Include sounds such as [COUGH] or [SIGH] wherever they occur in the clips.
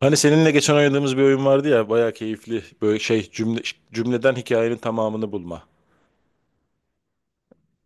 Hani seninle geçen oynadığımız bir oyun vardı ya, bayağı keyifli böyle şey cümleden hikayenin tamamını bulma.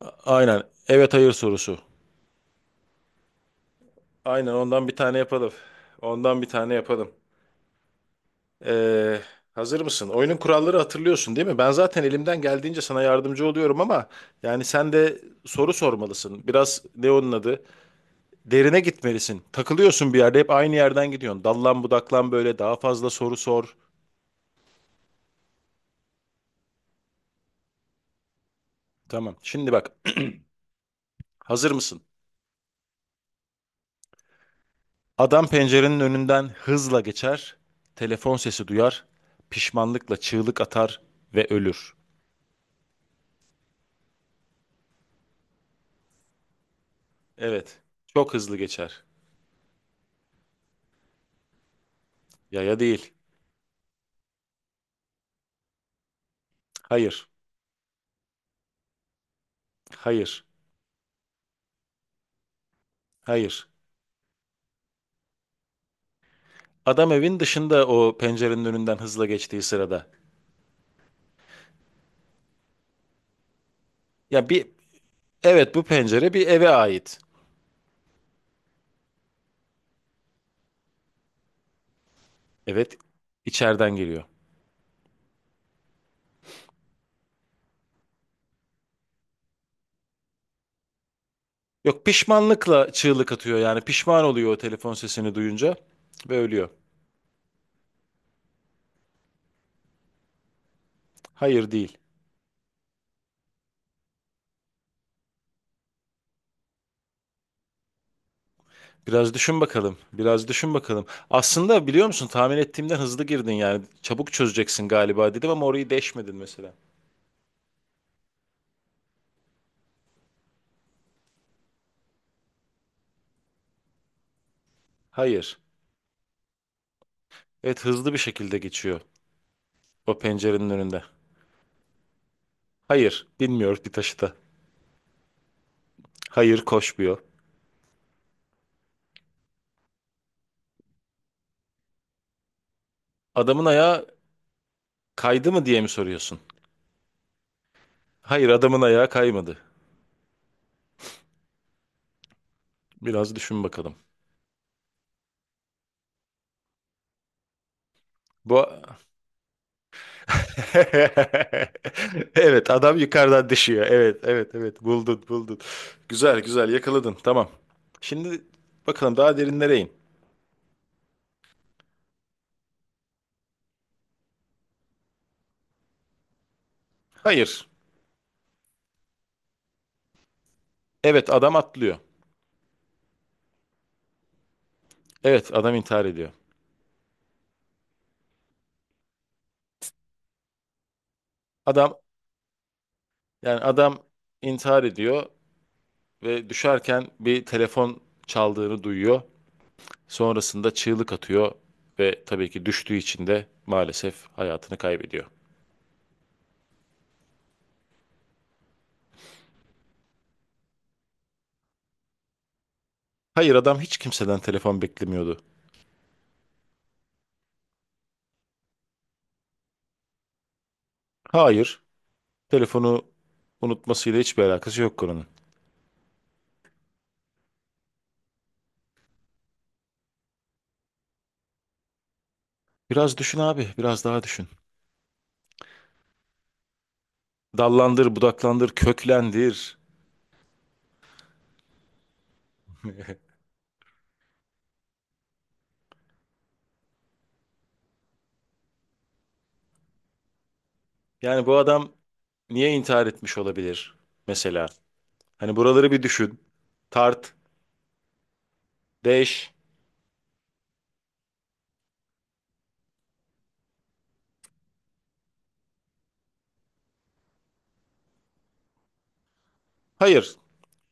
Aynen, evet hayır sorusu. Aynen, ondan bir tane yapalım. Ondan bir tane yapalım. Ee, Hazır mısın? Oyunun kuralları hatırlıyorsun değil mi? Ben zaten elimden geldiğince sana yardımcı oluyorum ama yani sen de soru sormalısın. Biraz ne onun adı? Derine gitmelisin. Takılıyorsun, bir yerde hep aynı yerden gidiyorsun. Dallan budaklan, böyle daha fazla soru sor. Tamam. Şimdi bak, hazır mısın? Adam pencerenin önünden hızla geçer, telefon sesi duyar, pişmanlıkla çığlık atar ve ölür. Evet, çok hızlı geçer. Yaya değil. Hayır, hayır, hayır. Adam evin dışında o pencerenin önünden hızla geçtiği sırada. Ya bir, evet, bu pencere bir eve ait. Evet, içeriden geliyor. Yok, pişmanlıkla çığlık atıyor, yani pişman oluyor o telefon sesini duyunca ve ölüyor. Hayır değil. Biraz düşün bakalım. Biraz düşün bakalım. Aslında biliyor musun, tahmin ettiğimden hızlı girdin yani. Çabuk çözeceksin galiba dedim ama orayı deşmedin mesela. Hayır. Evet, hızlı bir şekilde geçiyor. O pencerenin önünde. Hayır. Binmiyor bir taşıta. Hayır, koşmuyor. Adamın ayağı kaydı mı diye mi soruyorsun? Hayır, adamın ayağı kaymadı. Biraz düşün bakalım. Bu [LAUGHS] evet, adam yukarıdan düşüyor. Evet, evet, evet, buldun buldun. Güzel güzel yakaladın, tamam. Şimdi bakalım, daha derinlere in. Hayır. Evet, adam atlıyor. Evet, adam intihar ediyor. Adam adam intihar ediyor ve düşerken bir telefon çaldığını duyuyor. Sonrasında çığlık atıyor ve tabii ki düştüğü için de maalesef hayatını kaybediyor. Hayır, adam hiç kimseden telefon beklemiyordu. Hayır. Telefonu unutmasıyla hiçbir alakası yok konunun. Biraz düşün abi, biraz daha düşün. Dallandır, budaklandır, köklendir. Yani bu adam niye intihar etmiş olabilir mesela? Hani buraları bir düşün. Tart, deş. Hayır.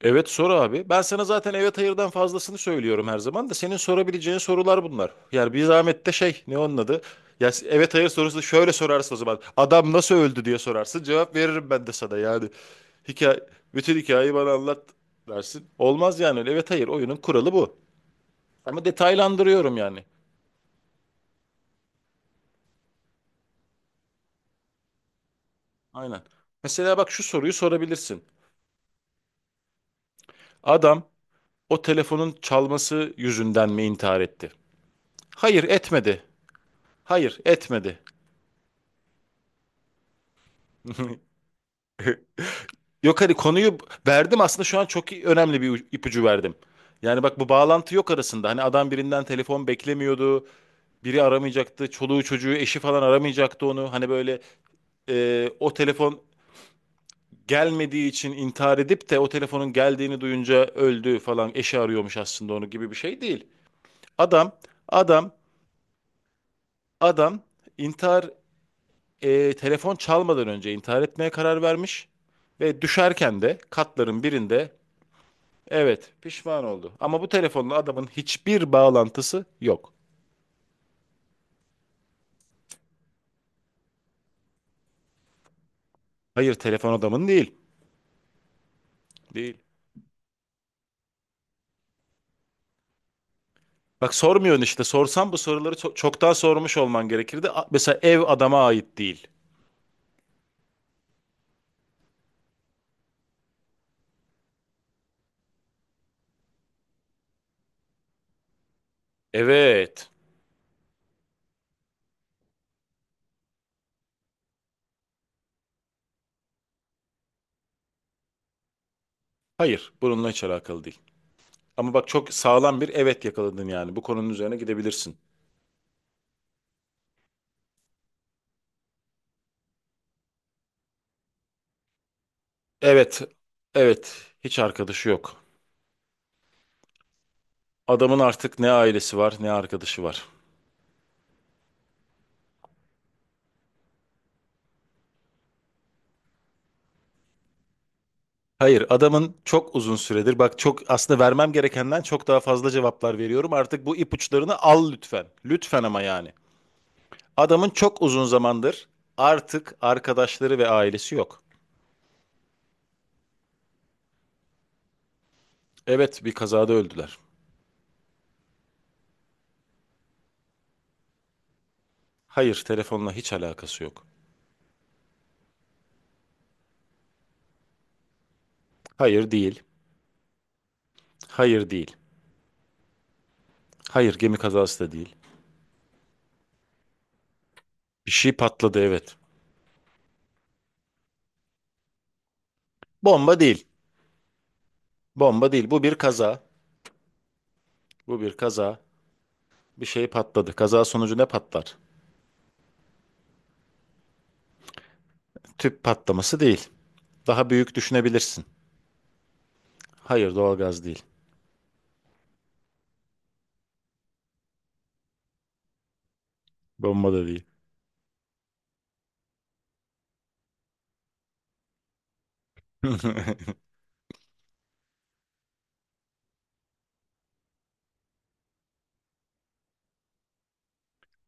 Evet, sor abi. Ben sana zaten evet hayırdan fazlasını söylüyorum her zaman, da senin sorabileceğin sorular bunlar. Yani bir zahmet de şey, ne onun adı? Ya evet hayır sorusu şöyle sorarsın o zaman. Adam nasıl öldü diye sorarsın. Cevap veririm ben de sana yani. Hikaye, bütün hikayeyi bana anlat dersin. Olmaz yani öyle. Evet hayır oyunun kuralı bu. Ama detaylandırıyorum yani. Aynen. Mesela bak, şu soruyu sorabilirsin. Adam o telefonun çalması yüzünden mi intihar etti? Hayır, etmedi. Hayır, etmedi. [LAUGHS] Yok, hani konuyu verdim aslında şu an, çok iyi- önemli bir ipucu verdim. Yani bak, bu bağlantı yok arasında. Hani adam birinden telefon beklemiyordu. Biri aramayacaktı. Çoluğu çocuğu eşi falan aramayacaktı onu. Hani böyle o telefon gelmediği için intihar edip de o telefonun geldiğini duyunca öldü falan. Eşi arıyormuş aslında onu gibi bir şey değil. Adam adam adam intihar telefon çalmadan önce intihar etmeye karar vermiş. Ve düşerken de katların birinde... Evet, pişman oldu. Ama bu telefonla adamın hiçbir bağlantısı yok. Hayır, telefon adamın değil. Değil. Bak, sormuyorsun işte. Sorsan bu soruları çoktan sormuş olman gerekirdi. Mesela ev adama ait değil. Evet. Hayır, bununla hiç alakalı değil. Ama bak, çok sağlam bir evet yakaladın yani. Bu konunun üzerine gidebilirsin. Evet. Evet. Hiç arkadaşı yok. Adamın artık ne ailesi var, ne arkadaşı var. Hayır, adamın çok uzun süredir, bak çok aslında vermem gerekenden çok daha fazla cevaplar veriyorum. Artık bu ipuçlarını al lütfen. Lütfen ama yani. Adamın çok uzun zamandır artık arkadaşları ve ailesi yok. Evet, bir kazada öldüler. Hayır, telefonla hiç alakası yok. Hayır, değil. Hayır, değil. Hayır, gemi kazası da değil. Bir şey patladı, evet. Bomba değil. Bomba değil. Bu bir kaza. Bu bir kaza. Bir şey patladı. Kaza sonucu ne patlar? Tüp patlaması değil. Daha büyük düşünebilirsin. Hayır, doğalgaz değil. Bomba da değil. [LAUGHS]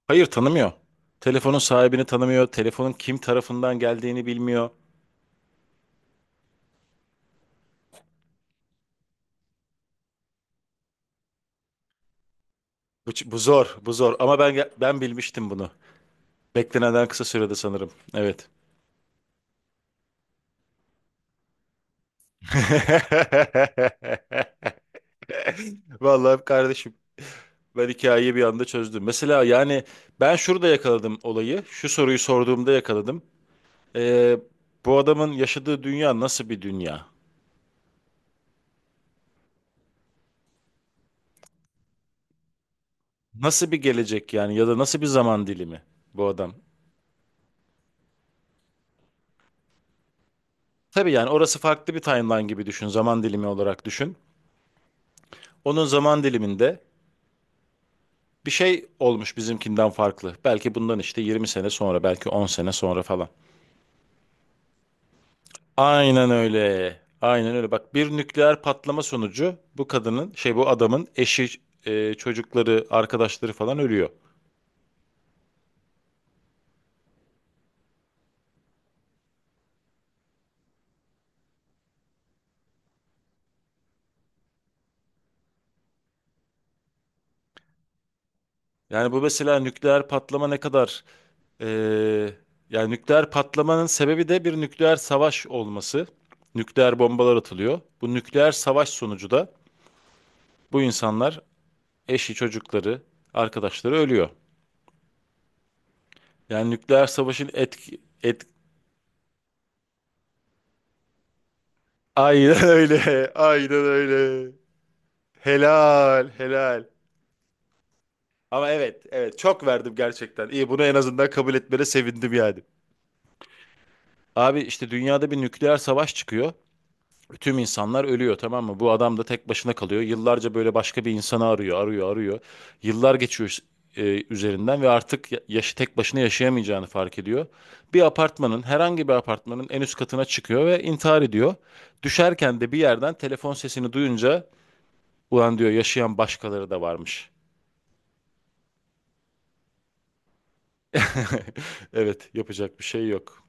Hayır, tanımıyor. Telefonun sahibini tanımıyor. Telefonun kim tarafından geldiğini bilmiyor. Bu, bu zor, bu zor. Ama ben bilmiştim bunu. Beklenenden kısa sürede sanırım. Evet. [LAUGHS] Vallahi kardeşim, ben hikayeyi bir anda çözdüm. Mesela yani ben şurada yakaladım olayı. Şu soruyu sorduğumda yakaladım. Ee, Bu adamın yaşadığı dünya nasıl bir dünya? Nasıl bir gelecek, yani, ya da nasıl bir zaman dilimi bu adam? Tabii, yani orası farklı bir timeline gibi düşün, zaman dilimi olarak düşün. Onun zaman diliminde bir şey olmuş bizimkinden farklı. Belki bundan işte 20 sene sonra, belki 10 sene sonra falan. Aynen öyle. Aynen öyle. Bak, bir nükleer patlama sonucu bu kadının, şey bu adamın eşi, çocukları, arkadaşları falan ölüyor. Yani bu mesela nükleer patlama e, yani nükleer patlamanın sebebi de bir nükleer savaş olması. Nükleer bombalar atılıyor. Bu nükleer savaş sonucu da bu insanlar, eşi, çocukları, arkadaşları ölüyor. Yani nükleer savaşın etki... Et... Aynen öyle, [LAUGHS] aynen öyle. Helal, helal. Ama evet, evet, çok verdim gerçekten. İyi, bunu en azından kabul etmene sevindim yani. Abi işte dünyada bir nükleer savaş çıkıyor. Tüm insanlar ölüyor, tamam mı? Bu adam da tek başına kalıyor. Yıllarca böyle başka bir insanı arıyor, arıyor, arıyor. Yıllar geçiyor üzerinden, ve artık yaşı tek başına yaşayamayacağını fark ediyor. Bir apartmanın, herhangi bir apartmanın en üst katına çıkıyor ve intihar ediyor. Düşerken de bir yerden telefon sesini duyunca, ulan diyor, yaşayan başkaları da varmış. [LAUGHS] Evet, yapacak bir şey yok.